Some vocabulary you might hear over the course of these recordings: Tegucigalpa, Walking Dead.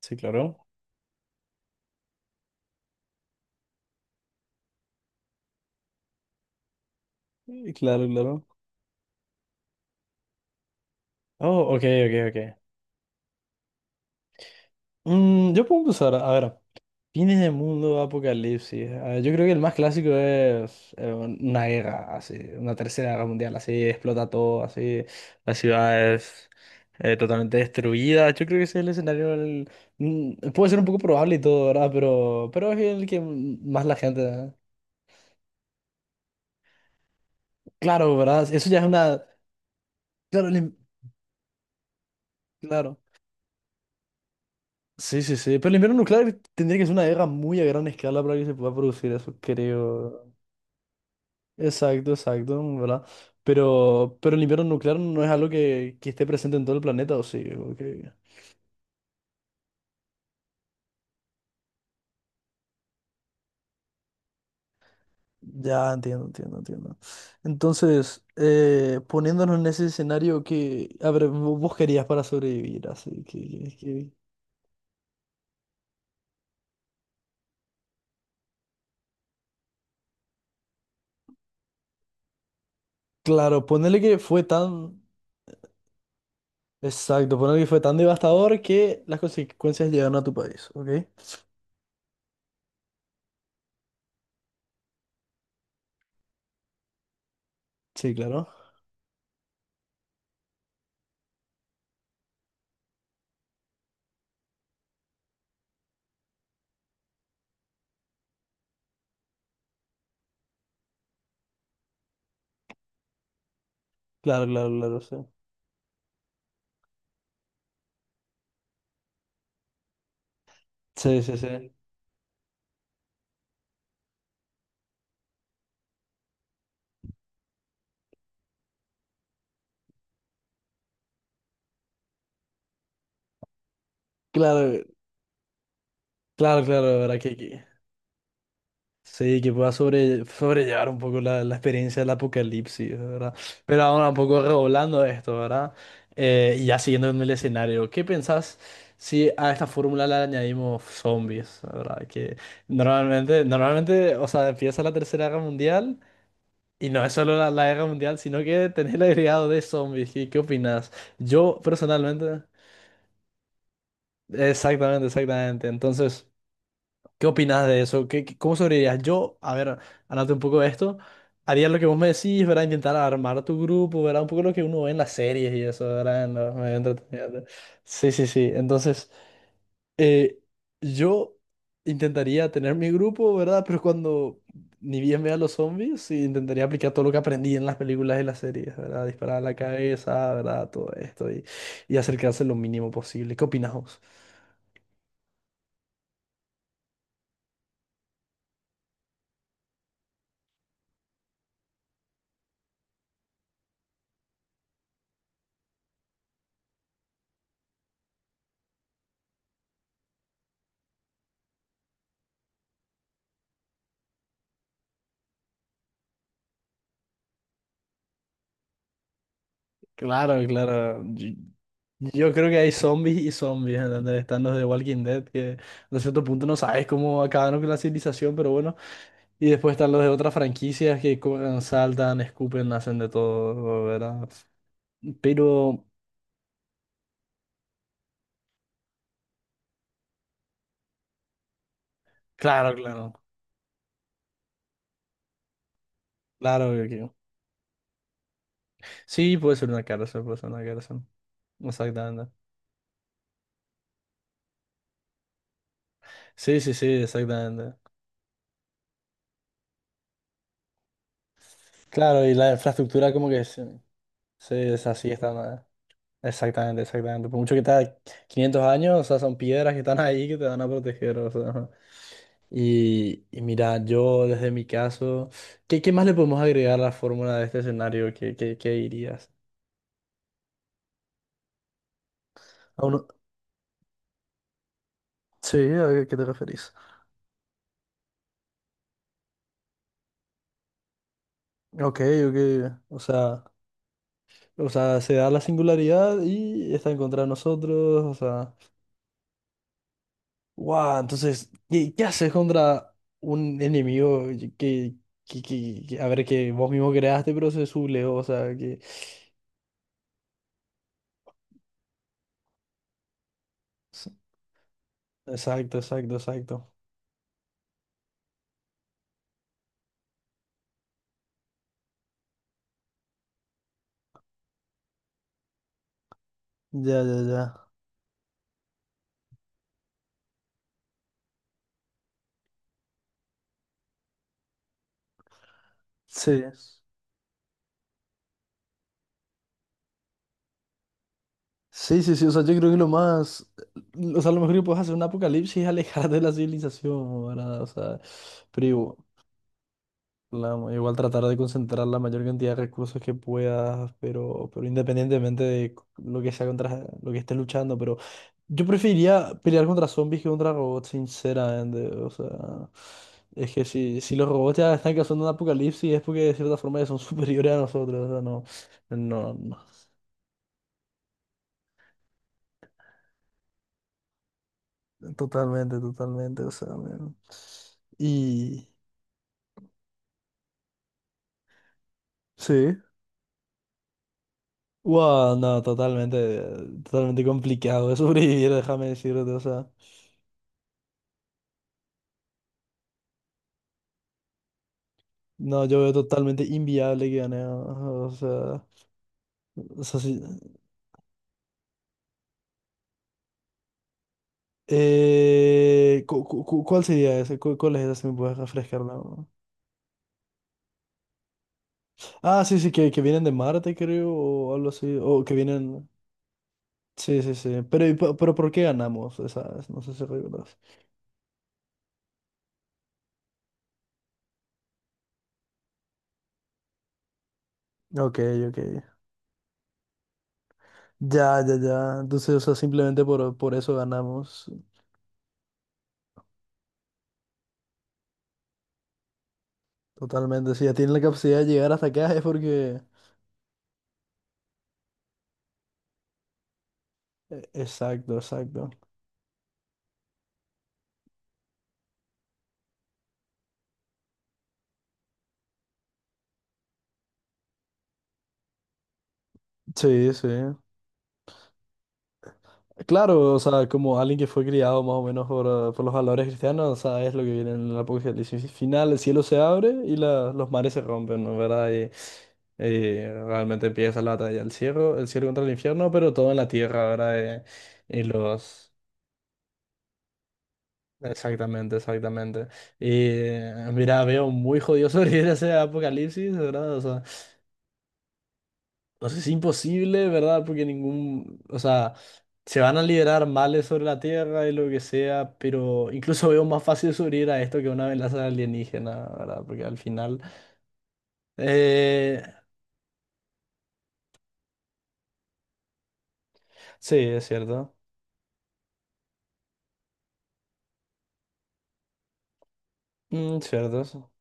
Sí, claro. Claro, claro. Oh, ok, ok, ok. Yo puedo empezar. A ver, fines de mundo, apocalipsis. A ver, yo creo que el más clásico es una guerra, así, una tercera guerra mundial, así, explota todo, así, las ciudades totalmente destruida. Yo creo que ese es el escenario. Puede ser un poco probable y todo, ¿verdad? Pero es el que más la gente. Claro, ¿verdad? Eso ya es una. Claro, el im- claro. Sí, sí, sí. Pero el invierno nuclear tendría que ser una guerra muy a gran escala para que se pueda producir eso, creo. Exacto, exacto, ¿verdad? Pero el invierno nuclear no es algo que esté presente en todo el planeta, ¿o sí? Ok. Ya, entiendo, entiendo, entiendo. Entonces, poniéndonos en ese escenario que, a ver, vos querías para sobrevivir, así que. Claro, ponerle que fue tan. Exacto, ponerle que fue tan devastador que las consecuencias llegaron a tu país, ¿ok? Sí, claro. Claro, claro, claro, sí. Sí, sí, sí. Claro, claro, claro, de ¿verdad? Sí, que pueda sobrellevar un poco la experiencia del apocalipsis, ¿verdad? Pero ahora un poco redoblando esto, ¿verdad? Y ya siguiendo en el escenario, ¿qué pensás si a esta fórmula le añadimos zombies, ¿verdad? Que normalmente, o sea, empieza la Tercera Guerra Mundial. Y no es solo la guerra mundial, sino que tenés el agregado de zombies. ¿Qué, qué opinás? Yo personalmente, exactamente, exactamente. Entonces. ¿Qué opinas de eso? ¿Qué, cómo sobrevivirías? Yo, a ver, hablando un poco de esto, haría lo que vos me decís, ¿verdad? Intentar armar tu grupo, ¿verdad? Un poco lo que uno ve en las series y eso, ¿verdad? En los medios de entretenimiento. Sí, sí, sí. Entonces, eh, yo intentaría tener mi grupo, ¿verdad? Pero cuando ni bien vea los zombies, sí, intentaría aplicar todo lo que aprendí en las películas y las series, ¿verdad? Disparar a la cabeza, ¿verdad? Todo esto y acercarse lo mínimo posible. ¿Qué opinas vos? Claro, claro. Yo creo que hay zombies y zombies, ¿entendés? Están los de Walking Dead, que a cierto punto no sabes cómo acabaron con la civilización, pero bueno. Y después están los de otras franquicias que saltan, escupen, hacen de todo, ¿verdad? Pero, claro, claro, claro. Sí, puede ser una cárcel, puede ser una cárcel. Exactamente. Sí, sí, sí, exactamente. Claro, y la infraestructura como que se desasía esta. Exactamente, exactamente. Por mucho que está 500 años, o sea, son piedras que están ahí que te van a proteger, o sea. Ajá. Y mira, yo desde mi caso, ¿qué, qué más le podemos agregar a la fórmula de este escenario? ¿Qué, qué, qué dirías? A uno- Sí, ¿a qué te referís? Ok, ok. O sea, o sea, se da la singularidad y está en contra de nosotros, o sea. Wow, entonces, ¿qué, qué haces contra un enemigo a ver, que vos mismo creaste, pero se sublevó, o sea, que. Exacto, exacto, exacto. Ya, ya, ya. Sí. Sí, sí, sí. O sea, yo creo que lo más. O sea, lo mejor que puedes hacer en un apocalipsis es alejarte de la civilización, ¿verdad? O sea, pero, igu- igual tratar de concentrar la mayor cantidad de recursos que puedas, pero independientemente de lo que sea contra lo que estés luchando, pero yo preferiría pelear contra zombies que contra robots, sinceramente. O sea, es que si los robots ya están causando un apocalipsis es porque de cierta forma ya son superiores a nosotros. O sea, no, no, no. Totalmente, totalmente. O sea, y sí. Wow, no, totalmente, totalmente complicado de sobrevivir, déjame decirte, o sea. No, yo veo totalmente inviable que gane. O sea, sí. ¿Cuál sería ese? ¿Cuál es ese? Si me puedes refrescar la. Ah, sí, sí, que vienen de Marte, creo, o algo así. O que vienen. Sí, sí, sí. Pero, ¿por qué ganamos esas? No sé si recuerdas. Ok, ok. Ya, ya, ya. Entonces, o sea, simplemente por eso ganamos. Totalmente. Si ya tienen la capacidad de llegar hasta acá es porque. Exacto, exacto. Sí, sí. Claro, o sea, como alguien que fue criado más o menos por los valores cristianos, o sea, es lo que viene en el Apocalipsis final, el cielo se abre y los mares se rompen, ¿no? ¿Verdad? Y realmente empieza la batalla del cielo, el cielo contra el infierno, pero todo en la tierra, ¿verdad? Y, y los... Exactamente, exactamente. Y mira, veo muy jodido sobre ese Apocalipsis, ¿verdad? No sé si imposible, ¿verdad? Porque ningún, o sea, se van a liberar males sobre la Tierra y lo que sea, pero incluso veo más fácil sobrevivir a esto que a una amenaza alienígena, ¿verdad? Porque al final. eh, sí, es cierto. Mm, cierto, eso.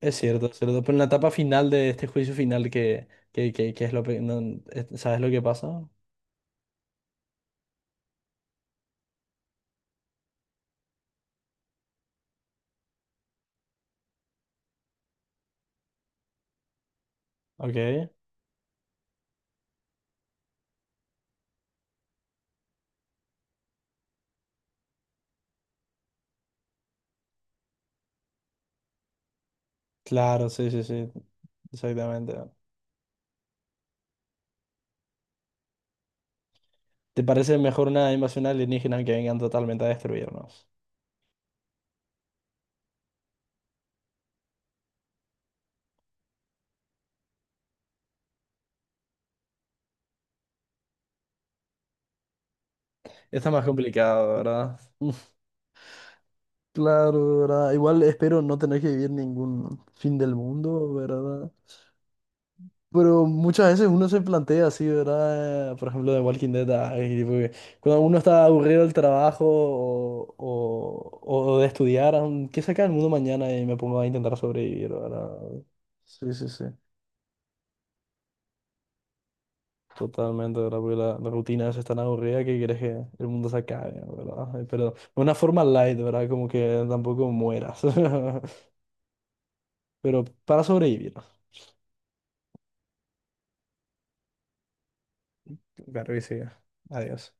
Es cierto, es cierto. Pero en la etapa final de este juicio final que es lo. No, ¿sabes lo que pasa? Ok. Claro, sí, sí, sí. Exactamente. ¿Te parece mejor una invasión alienígena que vengan totalmente a destruirnos? Está más complicado, ¿verdad? Uf, claro, ¿verdad? Igual espero no tener que vivir ningún fin del mundo, ¿verdad? Pero muchas veces uno se plantea así, ¿verdad? Por ejemplo, de Walking Dead, ay, tipo que cuando uno está aburrido del trabajo o de estudiar, ¿qué saca el mundo mañana? Y me pongo a intentar sobrevivir, ¿verdad? Sí, sí, sí. Totalmente, ¿verdad? Porque la rutina es tan aburrida que quieres que el mundo se acabe, ¿verdad? Pero de una forma light, ¿verdad? Como que tampoco mueras. Pero para sobrevivir. Claro que sí. Adiós.